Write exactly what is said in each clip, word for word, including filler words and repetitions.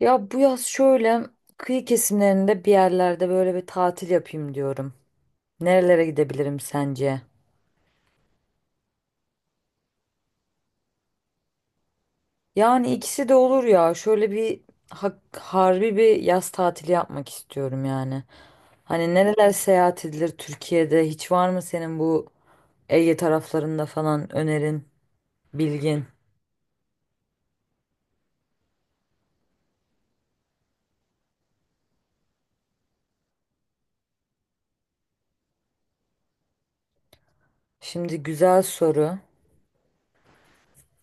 Ya bu yaz şöyle kıyı kesimlerinde bir yerlerde böyle bir tatil yapayım diyorum. Nerelere gidebilirim sence? Yani ikisi de olur ya. Şöyle bir ha- harbi bir yaz tatili yapmak istiyorum yani. Hani nereler seyahat edilir Türkiye'de? Hiç var mı senin bu Ege taraflarında falan önerin, bilgin? Şimdi güzel soru.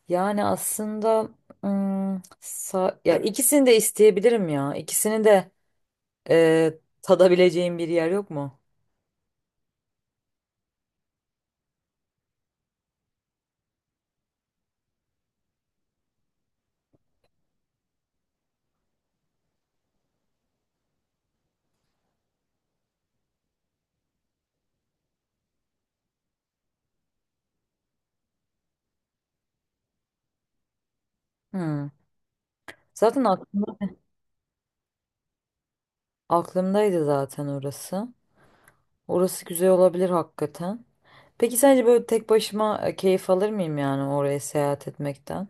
Yani aslında ım, sa- ya ikisini de isteyebilirim ya. İkisini de Ee, tadabileceğim bir yer yok mu? Hmm. Zaten ak- aklımdaydı zaten orası. Orası güzel olabilir hakikaten. Peki sence böyle tek başıma e, keyif alır mıyım yani oraya seyahat etmekten?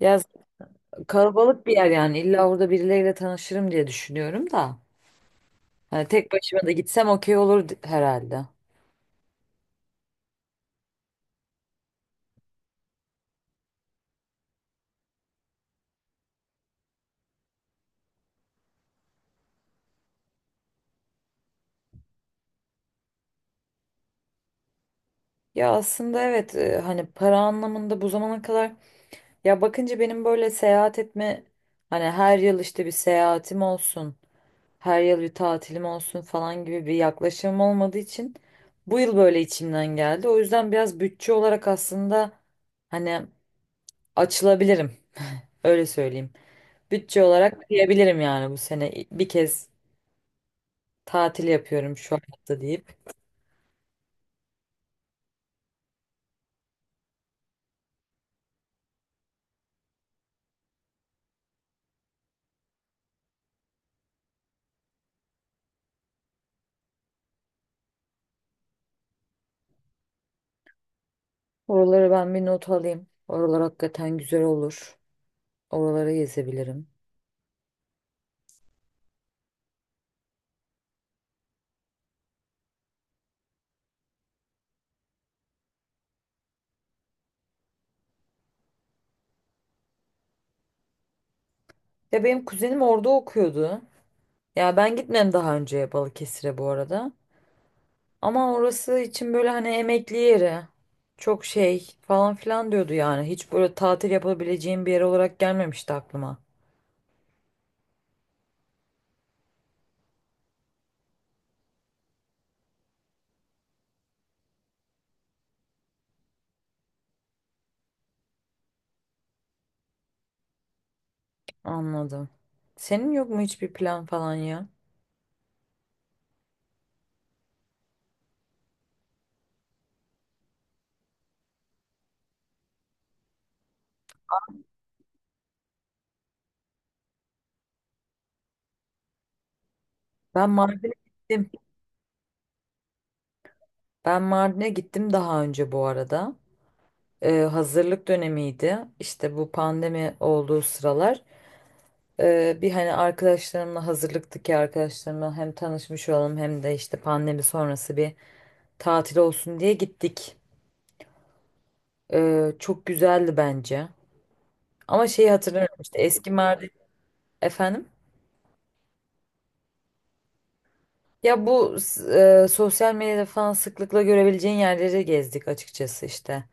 Ya z- kalabalık bir yer yani illa orada birileriyle tanışırım diye düşünüyorum da. Hani tek başıma da gitsem okey olur d- herhalde. Ya aslında evet e, hani para anlamında bu zamana kadar. Ya bakınca benim böyle seyahat etme, hani her yıl işte bir seyahatim olsun, her yıl bir tatilim olsun falan gibi bir yaklaşımım olmadığı için bu yıl böyle içimden geldi. O yüzden biraz bütçe olarak aslında hani açılabilirim, öyle söyleyeyim. Bütçe olarak diyebilirim yani bu sene bir kez tatil yapıyorum şu hayatta deyip. Oraları ben bir not alayım. Oralar hakikaten güzel olur. Oraları gezebilirim. Ya benim kuzenim orada okuyordu. Ya ben gitmedim daha önce Balıkesir'e bu arada. Ama orası için böyle hani emekli yeri. Çok şey falan filan diyordu yani. Hiç böyle tatil yapabileceğim bir yer olarak gelmemişti aklıma. Anladım. Senin yok mu hiçbir plan falan ya? Ben Mardin'e gittim. Ben Mardin'e gittim daha önce bu arada. Ee, hazırlık dönemiydi. İşte bu pandemi olduğu sıralar. Ee, bir hani arkadaşlarımla hazırlıktaki arkadaşlarımla hem tanışmış olalım hem de işte pandemi sonrası bir tatil olsun diye gittik. Ee, çok güzeldi bence. Ama şeyi hatırlıyorum işte eski Mardin efendim. Ya bu s- e, sosyal medyada falan sıklıkla görebileceğin yerleri gezdik açıkçası işte.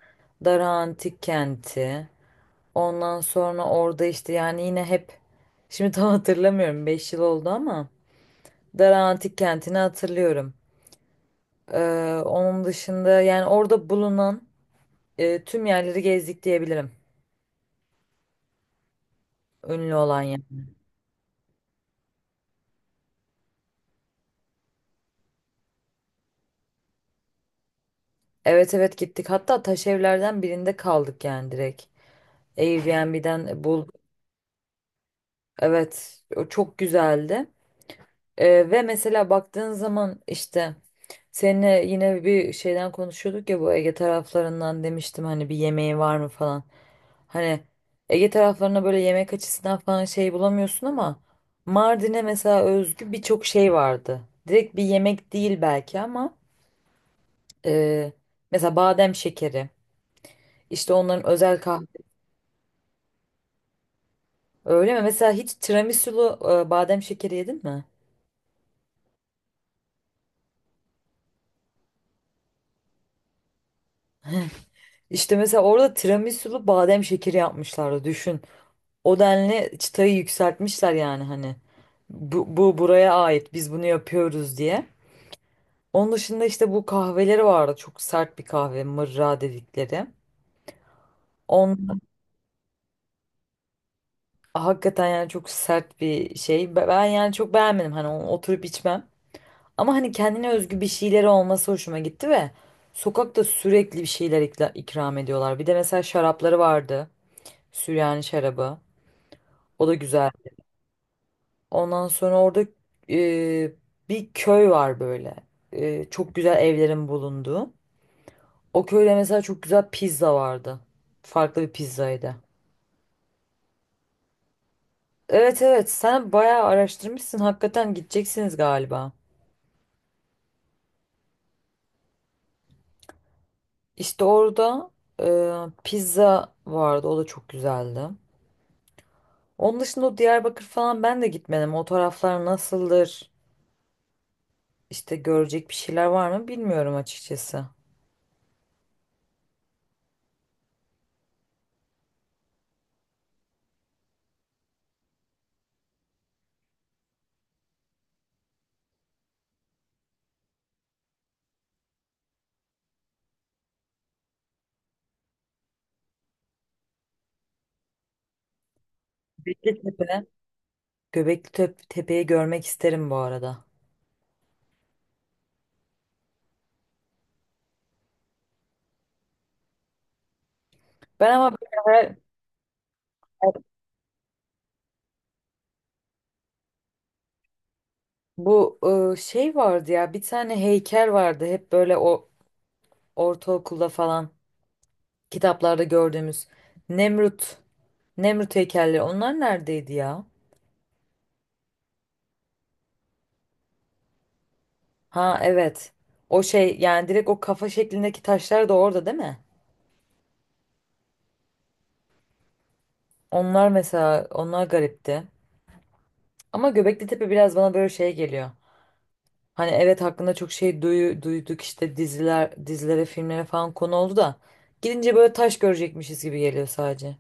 Dara Antik Kenti. Ondan sonra orada işte yani yine hep şimdi tam hatırlamıyorum, beş yıl oldu, ama Dara Antik Kenti'ni hatırlıyorum. Ee, onun dışında yani orada bulunan e, tüm yerleri gezdik diyebilirim. Ünlü olan yer. Evet, evet, gittik. Hatta taş evlerden birinde kaldık yani direkt. Airbnb'den bulduk. Evet, o çok güzeldi. Ee, ve mesela baktığın zaman işte seninle yine bir şeyden konuşuyorduk ya, bu Ege taraflarından demiştim hani bir yemeği var mı falan. Hani Ege taraflarına böyle yemek açısından falan şey bulamıyorsun, ama Mardin'e mesela özgü birçok şey vardı. Direkt bir yemek değil belki ama e, mesela badem şekeri, işte onların özel kahve. Öyle mi? Mesela hiç tiramisulu e, badem şekeri yedin mi? İşte mesela orada tiramisulu badem şekeri yapmışlardı düşün. O denli çıtayı yükseltmişler yani hani. Bu, bu buraya ait, biz bunu yapıyoruz diye. Onun dışında işte bu kahveleri vardı. Çok sert bir kahve, mırra dedikleri. On, hakikaten yani çok sert bir şey. Ben ben yani çok beğenmedim. Hani onu oturup içmem. Ama hani kendine özgü bir şeyleri olması hoşuma gitti ve sokakta sürekli bir şeyler ikla- ikram ediyorlar. Bir de mesela şarapları vardı. Süryani şarabı. O da güzel. Ondan sonra orada e, bir köy var böyle. E, çok güzel evlerin bulunduğu. O köyde mesela çok güzel pizza vardı. Farklı bir pizzaydı. Evet, evet, sen bayağı araştırmışsın. Hakikaten gideceksiniz galiba. İşte orada e, pizza vardı. O da çok güzeldi. Onun dışında o Diyarbakır falan ben de gitmedim. O taraflar nasıldır? İşte görecek bir şeyler var mı bilmiyorum açıkçası. Göbekli Tepe. Göbekli Tep- Tepe'yi görmek isterim bu arada. Ben ama böyle hayal- bu ıı, şey vardı ya, bir tane heykel vardı hep böyle, o ortaokulda falan kitaplarda gördüğümüz Nemrut Nemrut heykelleri, onlar neredeydi ya? Ha, evet. O şey yani direkt o kafa şeklindeki taşlar da orada değil mi? Onlar mesela, onlar garipti. Ama Göbekli Tepe biraz bana böyle şey geliyor. Hani evet hakkında çok şey duyu, duyduk, işte diziler, dizilere, filmlere falan konu oldu da gidince böyle taş görecekmişiz gibi geliyor sadece.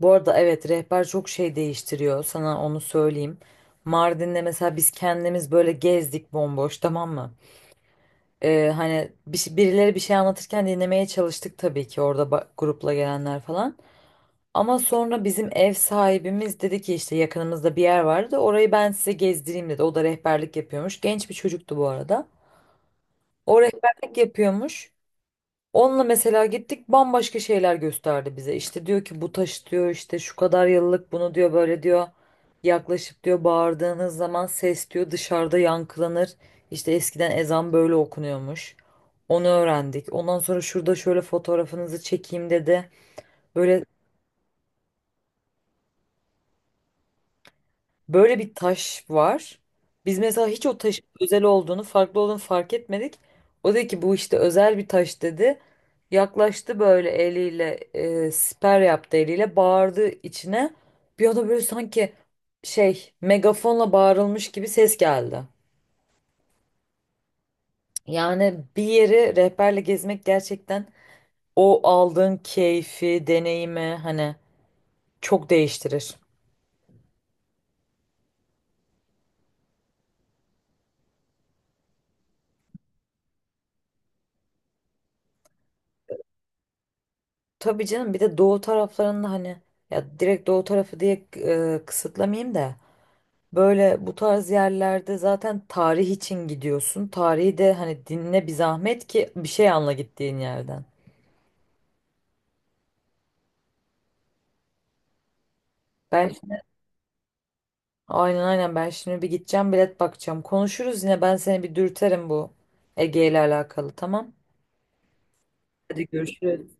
Bu arada evet, rehber çok şey değiştiriyor, sana onu söyleyeyim. Mardin'de mesela biz kendimiz böyle gezdik bomboş, tamam mı? Ee, hani bir, şey- birileri bir şey anlatırken dinlemeye çalıştık tabii ki orada, ba- grupla gelenler falan. Ama sonra bizim ev sahibimiz dedi ki işte yakınımızda bir yer vardı, orayı ben size gezdireyim dedi. O da rehberlik yapıyormuş. Genç bir çocuktu bu arada. O rehberlik yapıyormuş. Onunla mesela gittik, bambaşka şeyler gösterdi bize. İşte diyor ki bu taş diyor işte şu kadar yıllık, bunu diyor böyle diyor. Yaklaşıp diyor bağırdığınız zaman ses diyor dışarıda yankılanır. İşte eskiden ezan böyle okunuyormuş. Onu öğrendik. Ondan sonra şurada şöyle fotoğrafınızı çekeyim dedi. Böyle Böyle bir taş var. Biz mesela hiç o taşın özel olduğunu, farklı olduğunu fark etmedik. O dedi ki bu işte özel bir taş dedi. Yaklaştı böyle eliyle, e, siper yaptı eliyle, bağırdı içine. Bir anda böyle sanki şey, megafonla bağırılmış gibi ses geldi. Yani bir yeri rehberle gezmek gerçekten o aldığın keyfi, deneyimi hani çok değiştirir. Tabii canım, bir de doğu taraflarında hani, ya direkt doğu tarafı diye e, kısıtlamayayım da, böyle bu tarz yerlerde zaten tarih için gidiyorsun. Tarihi de hani dinle bir zahmet ki bir şey anla gittiğin yerden. Ben aynen aynen ben şimdi bir gideceğim, bilet bakacağım. Konuşuruz yine, ben seni bir dürterim bu Ege ile alakalı, tamam. Hadi görüşürüz.